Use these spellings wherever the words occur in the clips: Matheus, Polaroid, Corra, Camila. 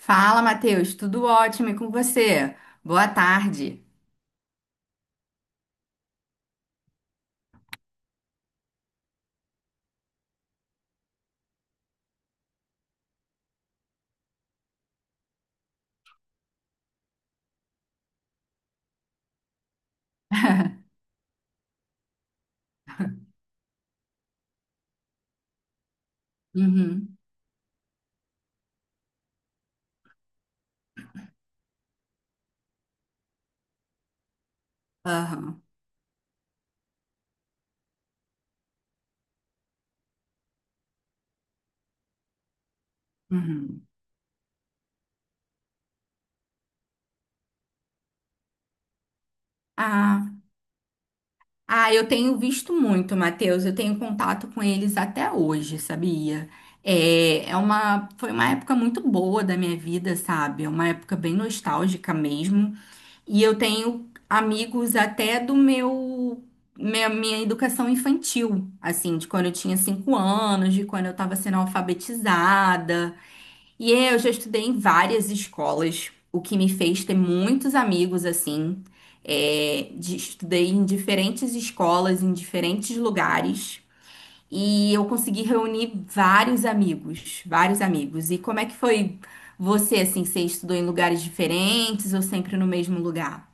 Fala, Matheus, tudo ótimo e com você? Boa tarde. Uhum. Aham. Uhum. Ah, ah, eu tenho visto muito, Matheus. Eu tenho contato com eles até hoje, sabia? Foi uma época muito boa da minha vida, sabe? É uma época bem nostálgica mesmo. E eu tenho amigos até do minha educação infantil, assim, de quando eu tinha 5 anos, de quando eu estava sendo alfabetizada. E eu já estudei em várias escolas, o que me fez ter muitos amigos assim. É, estudei em diferentes escolas, em diferentes lugares, e eu consegui reunir vários amigos, vários amigos. E como é que foi você assim? Você estudou em lugares diferentes ou sempre no mesmo lugar?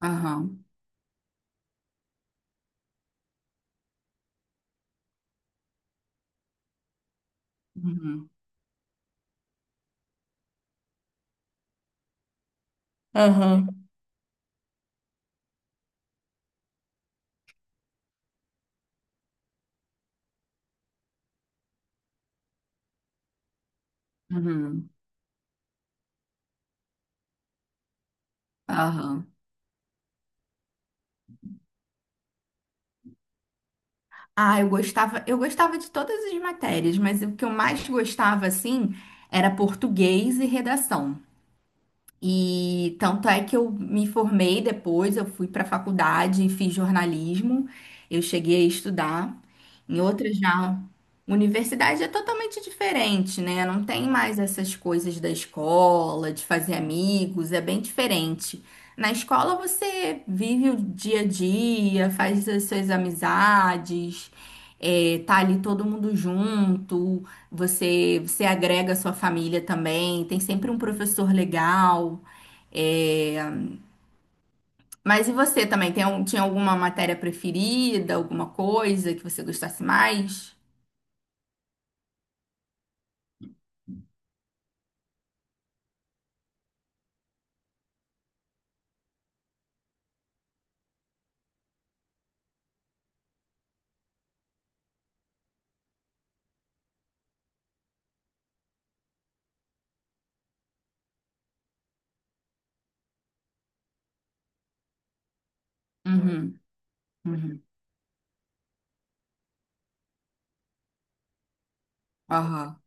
Aham. Uhum. Aham. Uhum. Aham. Ah, eu gostava de todas as matérias, mas o que eu mais gostava, assim, era português e redação. E tanto é que eu me formei depois, eu fui para a faculdade e fiz jornalismo. Eu cheguei a estudar em outra já universidade é totalmente diferente, né? Não tem mais essas coisas da escola, de fazer amigos, é bem diferente. Na escola você vive o dia a dia, faz as suas amizades, é, tá ali todo mundo junto, você, você agrega a sua família também, tem sempre um professor legal. É. Mas e você também? Tinha alguma matéria preferida, alguma coisa que você gostasse mais? Uhum. Uhum. Aham.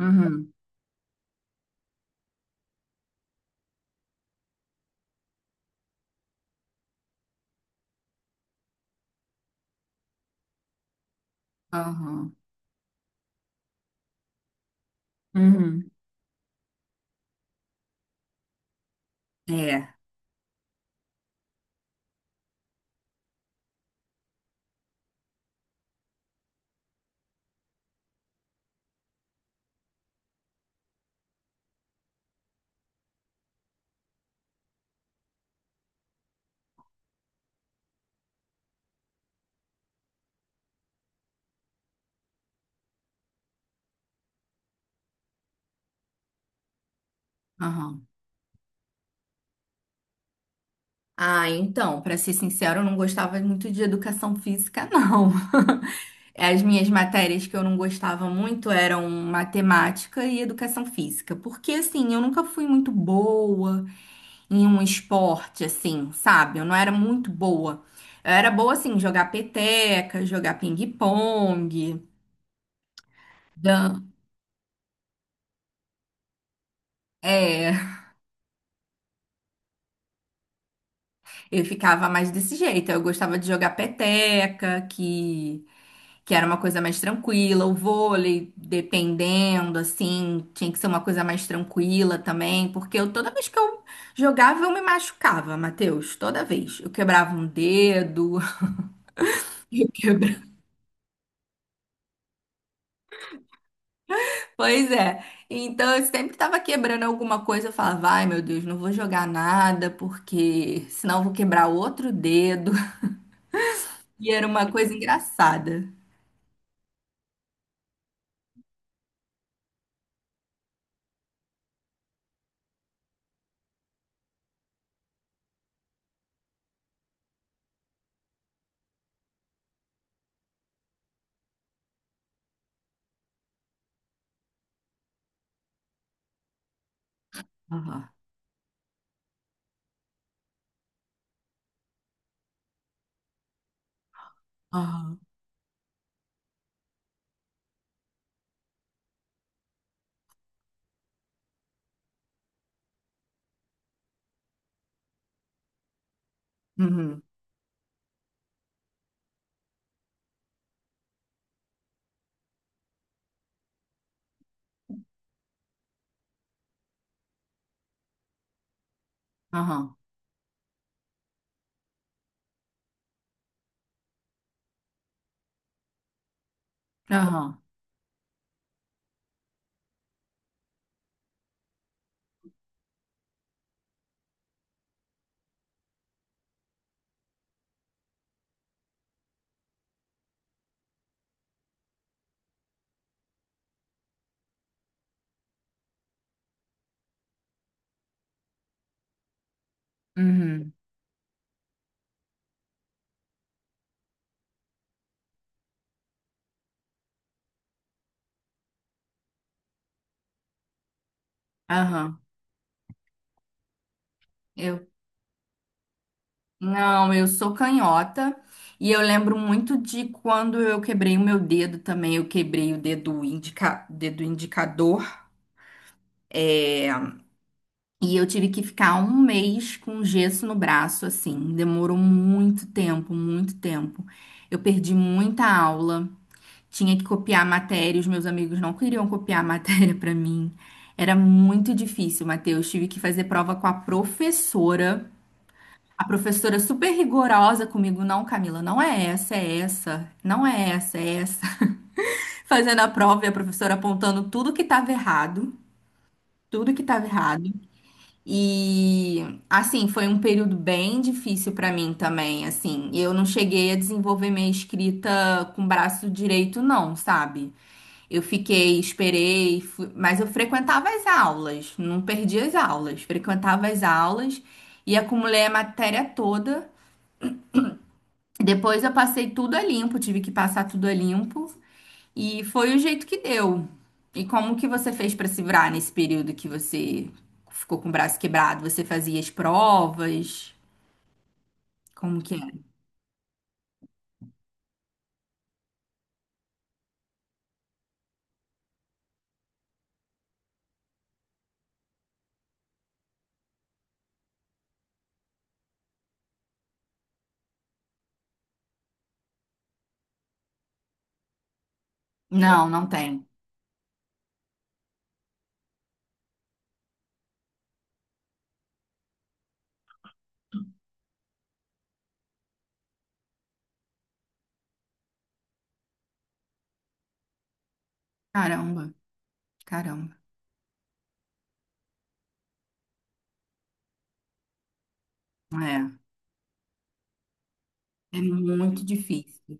Uhum. Aham. Uhum. É. Aham. Ah, então, para ser sincero, eu não gostava muito de educação física, não. As minhas matérias que eu não gostava muito eram matemática e educação física, porque assim, eu nunca fui muito boa. Em um esporte, assim, sabe? Eu não era muito boa. Eu era boa, assim, jogar peteca, jogar ping-pong. dan... É, eu ficava mais desse jeito. Eu gostava de jogar peteca, que era uma coisa mais tranquila. O vôlei, dependendo, assim, tinha que ser uma coisa mais tranquila também, porque eu, toda vez que eu jogava, eu me machucava, Matheus. Toda vez. Eu quebrava um dedo, eu quebrava. Pois é. Então eu sempre tava quebrando alguma coisa. Eu falava, ai meu Deus, não vou jogar nada, porque senão eu vou quebrar outro dedo. E era uma coisa engraçada. Aham. Aham. Uhum. Aham. Aham. Uhum. Aham. Eu, não, eu sou canhota. E eu lembro muito de quando eu quebrei o meu dedo também. Eu quebrei o dedo indicador. É. E eu tive que ficar um mês com gesso no braço, assim. Demorou muito tempo, muito tempo. Eu perdi muita aula, tinha que copiar a matéria, os meus amigos não queriam copiar a matéria pra mim. Era muito difícil, Matheus. Tive que fazer prova com a professora. A professora super rigorosa comigo, não, Camila, não é essa, é essa, não é essa, é essa. Fazendo a prova e a professora apontando tudo que estava errado, tudo que estava errado. E assim, foi um período bem difícil para mim também, assim. Eu não cheguei a desenvolver minha escrita com o braço direito não, sabe? Eu fiquei, esperei, mas eu frequentava as aulas, não perdi as aulas, frequentava as aulas e acumulei a matéria toda. Depois eu passei tudo a limpo, tive que passar tudo a limpo. E foi o jeito que deu. E como que você fez para se virar nesse período que você ficou com o braço quebrado? Você fazia as provas? Como que era? Não, não tem. Caramba, caramba. É, é muito difícil.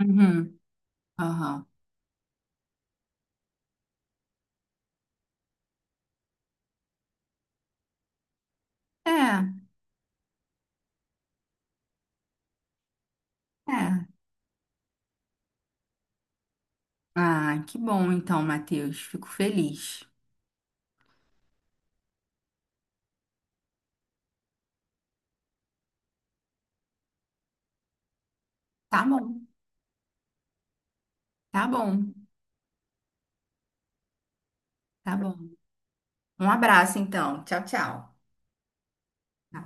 Uhum. Aham. É, é. Ah, que bom então, Matheus. Fico feliz. Tá bom. Tá bom. Tá bom. Um abraço então. Tchau, tchau. Tá.